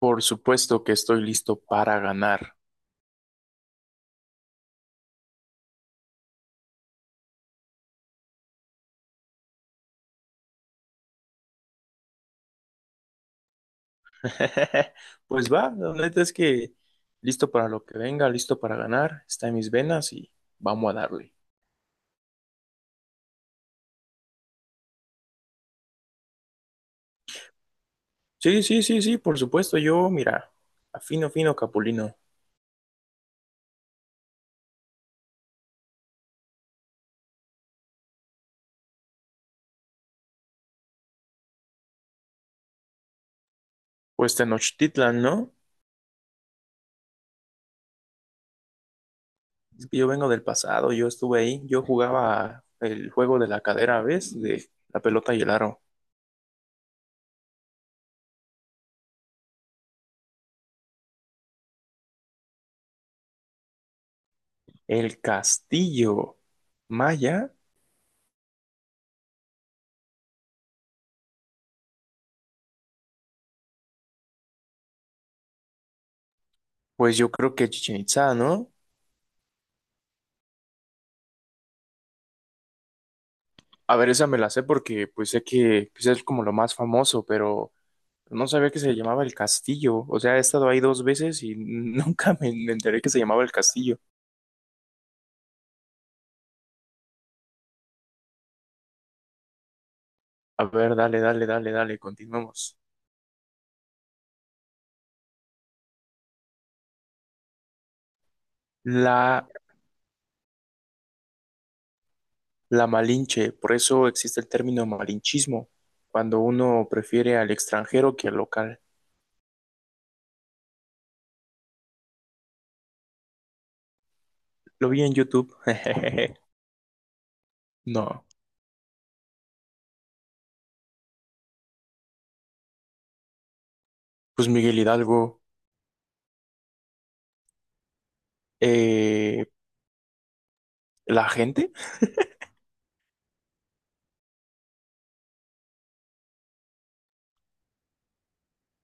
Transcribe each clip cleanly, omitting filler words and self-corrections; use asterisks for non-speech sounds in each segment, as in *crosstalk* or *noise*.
Por supuesto que estoy listo para ganar. *laughs* Pues va, la neta es que listo para lo que venga, listo para ganar, está en mis venas y vamos a darle. Sí, sí, sí, sí, por supuesto, yo, mira, afino, fino, Capulino. Pues Tenochtitlan, ¿no? Es que yo vengo del pasado, yo estuve ahí, yo jugaba el juego de la cadera, ¿ves? De la pelota y el aro. El castillo maya, pues yo creo que Chichén Itzá, ¿no? A ver, esa me la sé porque pues sé que pues, es como lo más famoso, pero no sabía que se llamaba El Castillo. O sea, he estado ahí dos veces y *laughs* nunca me enteré que se llamaba El Castillo. A ver, dale, dale, dale, dale, continuemos. La, la Malinche, por eso existe el término malinchismo, cuando uno prefiere al extranjero que al local. Lo vi en YouTube. *laughs* No, pues Miguel Hidalgo, eh, la gente.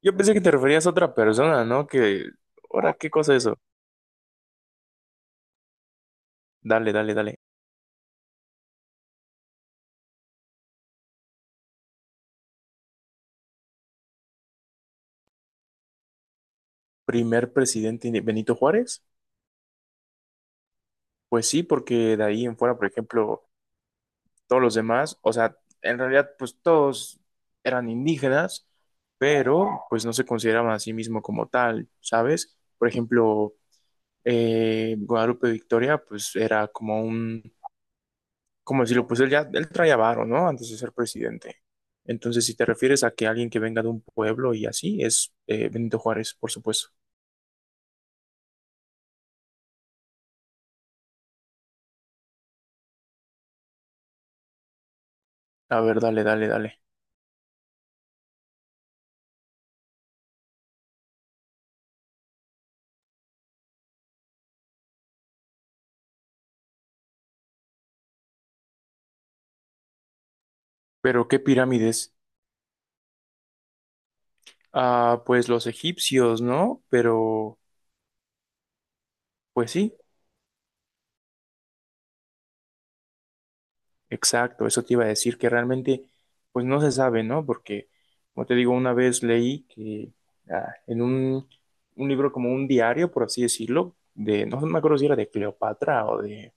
Yo pensé que te referías a otra persona, ¿no? Que, ahora, ¿qué cosa es eso? Dale, dale, dale. Primer presidente Benito Juárez. Pues sí, porque de ahí en fuera, por ejemplo, todos los demás, o sea, en realidad, pues todos eran indígenas, pero pues no se consideraban a sí mismo como tal, ¿sabes? Por ejemplo, Guadalupe Victoria, pues era como un, ¿cómo decirlo? Pues él ya, él traía varo, ¿no? Antes de ser presidente. Entonces, si te refieres a que alguien que venga de un pueblo y así, es Benito Juárez, por supuesto. A ver, dale, dale, dale. Pero, ¿qué pirámides? Ah, pues los egipcios, ¿no? Pero, pues sí, exacto, eso te iba a decir que realmente, pues no se sabe, ¿no? Porque, como te digo, una vez leí que ah, en un, un libro como un diario, por así decirlo, de, no me acuerdo si era de Cleopatra o de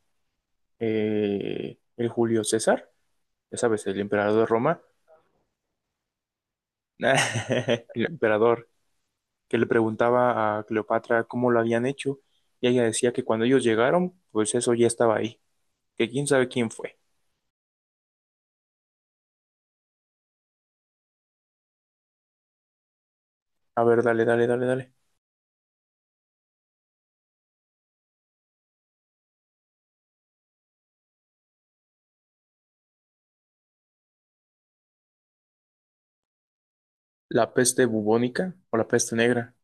el Julio César, ya sabes, el emperador de Roma, *laughs* el emperador que le preguntaba a Cleopatra cómo lo habían hecho, y ella decía que cuando ellos llegaron, pues eso ya estaba ahí, que quién sabe quién fue. A ver, dale, dale, dale, dale. ¿La peste bubónica o la peste negra?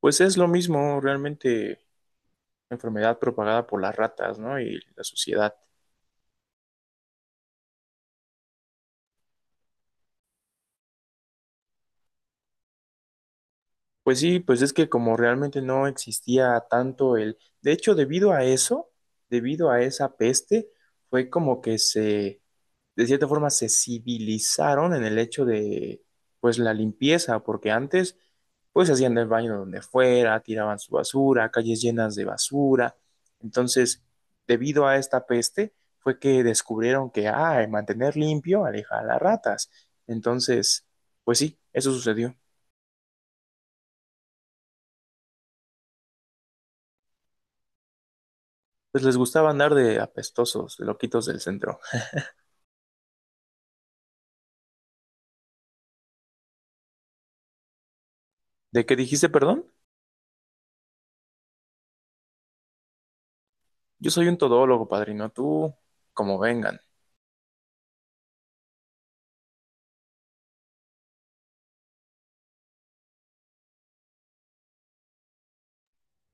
Pues es lo mismo, realmente enfermedad propagada por las ratas, ¿no? Y la suciedad. Pues sí, pues es que como realmente no existía tanto el... De hecho, debido a eso, debido a esa peste, fue como que se de cierta forma se civilizaron en el hecho de, pues, la limpieza, porque antes, pues, hacían el baño donde fuera, tiraban su basura, calles llenas de basura. Entonces, debido a esta peste, fue que descubrieron que, ah, mantener limpio aleja a las ratas. Entonces, pues sí, eso sucedió. Pues les gustaba andar de apestosos, de loquitos del centro. ¿De qué dijiste, perdón? Yo soy un todólogo, padrino, tú, como vengan.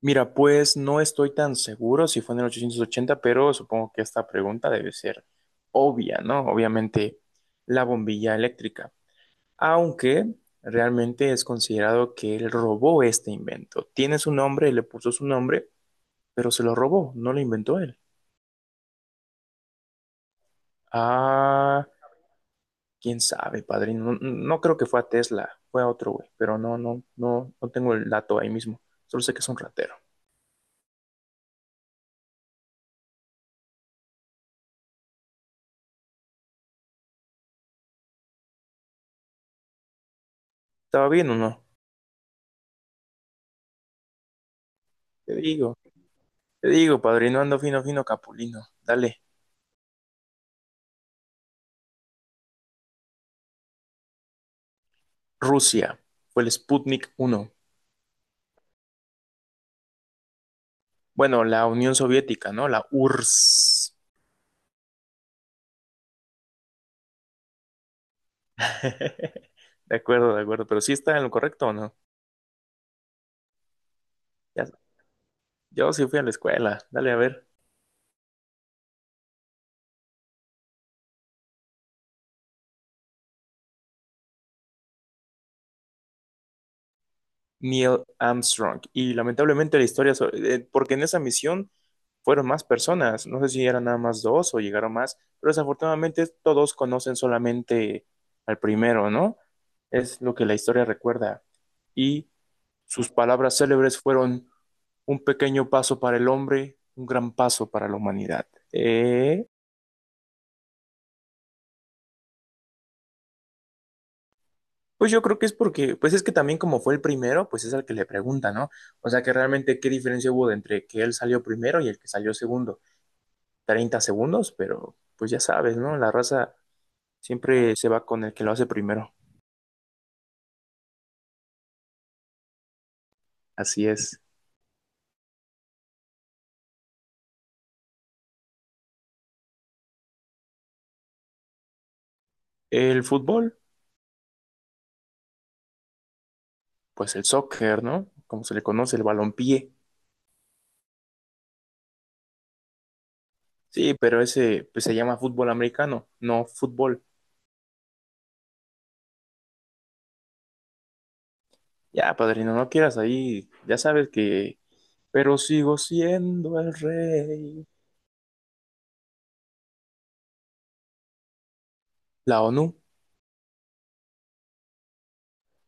Mira, pues no estoy tan seguro si fue en el 880, pero supongo que esta pregunta debe ser obvia, ¿no? Obviamente la bombilla eléctrica, aunque realmente es considerado que él robó este invento. Tiene su nombre, le puso su nombre, pero se lo robó, no lo inventó él. Ah, quién sabe, padrino. No, no creo que fue a Tesla, fue a otro güey, pero no tengo el dato ahí mismo. Solo sé que es un ratero. ¿Estaba bien o no? Te digo. Te digo, padrino, ando fino, fino, capulino. Dale. Rusia fue el Sputnik uno. Bueno, la Unión Soviética, ¿no? La URSS. *laughs* De acuerdo, de acuerdo. Pero sí está en lo correcto, ¿o no? Ya- yo sí fui a la escuela. Dale, a ver. Neil Armstrong. Y lamentablemente la porque en esa misión fueron más personas. No sé si eran nada más dos o llegaron más. Pero desafortunadamente todos conocen solamente al primero, ¿no? Es lo que la historia recuerda. Y sus palabras célebres fueron un pequeño paso para el hombre, un gran paso para la humanidad. Eh, pues yo creo que es porque, pues es que también como fue el primero, pues es al que le pregunta, ¿no? O sea que realmente qué diferencia hubo entre que él salió primero y el que salió segundo. 30 segundos, pero pues ya sabes, ¿no? La raza siempre se va con el que lo hace primero. Así es. El fútbol, pues el soccer, ¿no? Como se le conoce, el balompié. Sí, pero ese pues se llama fútbol americano, no fútbol. Ya, padrino, no quieras ahí. Ya sabes que. Pero sigo siendo el rey. La ONU,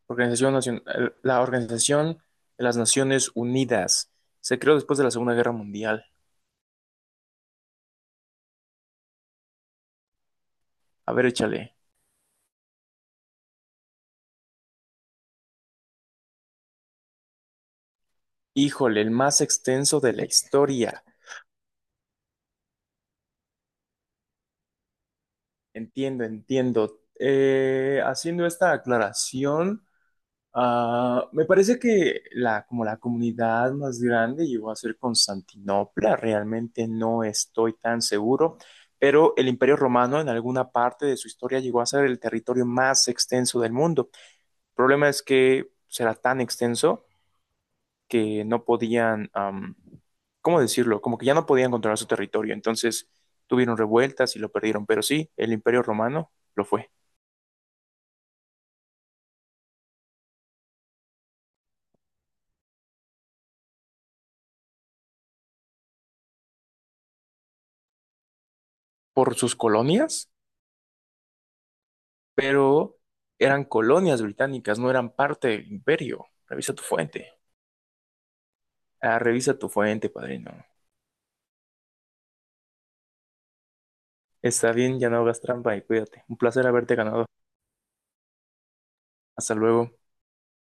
Organización Nacion- la Organización de las Naciones Unidas, se creó después de la Segunda Guerra Mundial. A ver, échale. Híjole, el más extenso de la historia. Entiendo, entiendo. Haciendo esta aclaración, ah, me parece que como la comunidad más grande llegó a ser Constantinopla, realmente no estoy tan seguro, pero el Imperio Romano en alguna parte de su historia llegó a ser el territorio más extenso del mundo. El problema es que será tan extenso que no podían, ¿cómo decirlo? Como que ya no podían controlar su territorio, entonces tuvieron revueltas y lo perdieron, pero sí, el Imperio Romano lo fue. Por sus colonias. Pero eran colonias británicas, no eran parte del imperio. Revisa tu fuente. Ah, revisa tu fuente, padrino. Está bien, ya no hagas trampa y cuídate. Un placer haberte ganado. Hasta luego.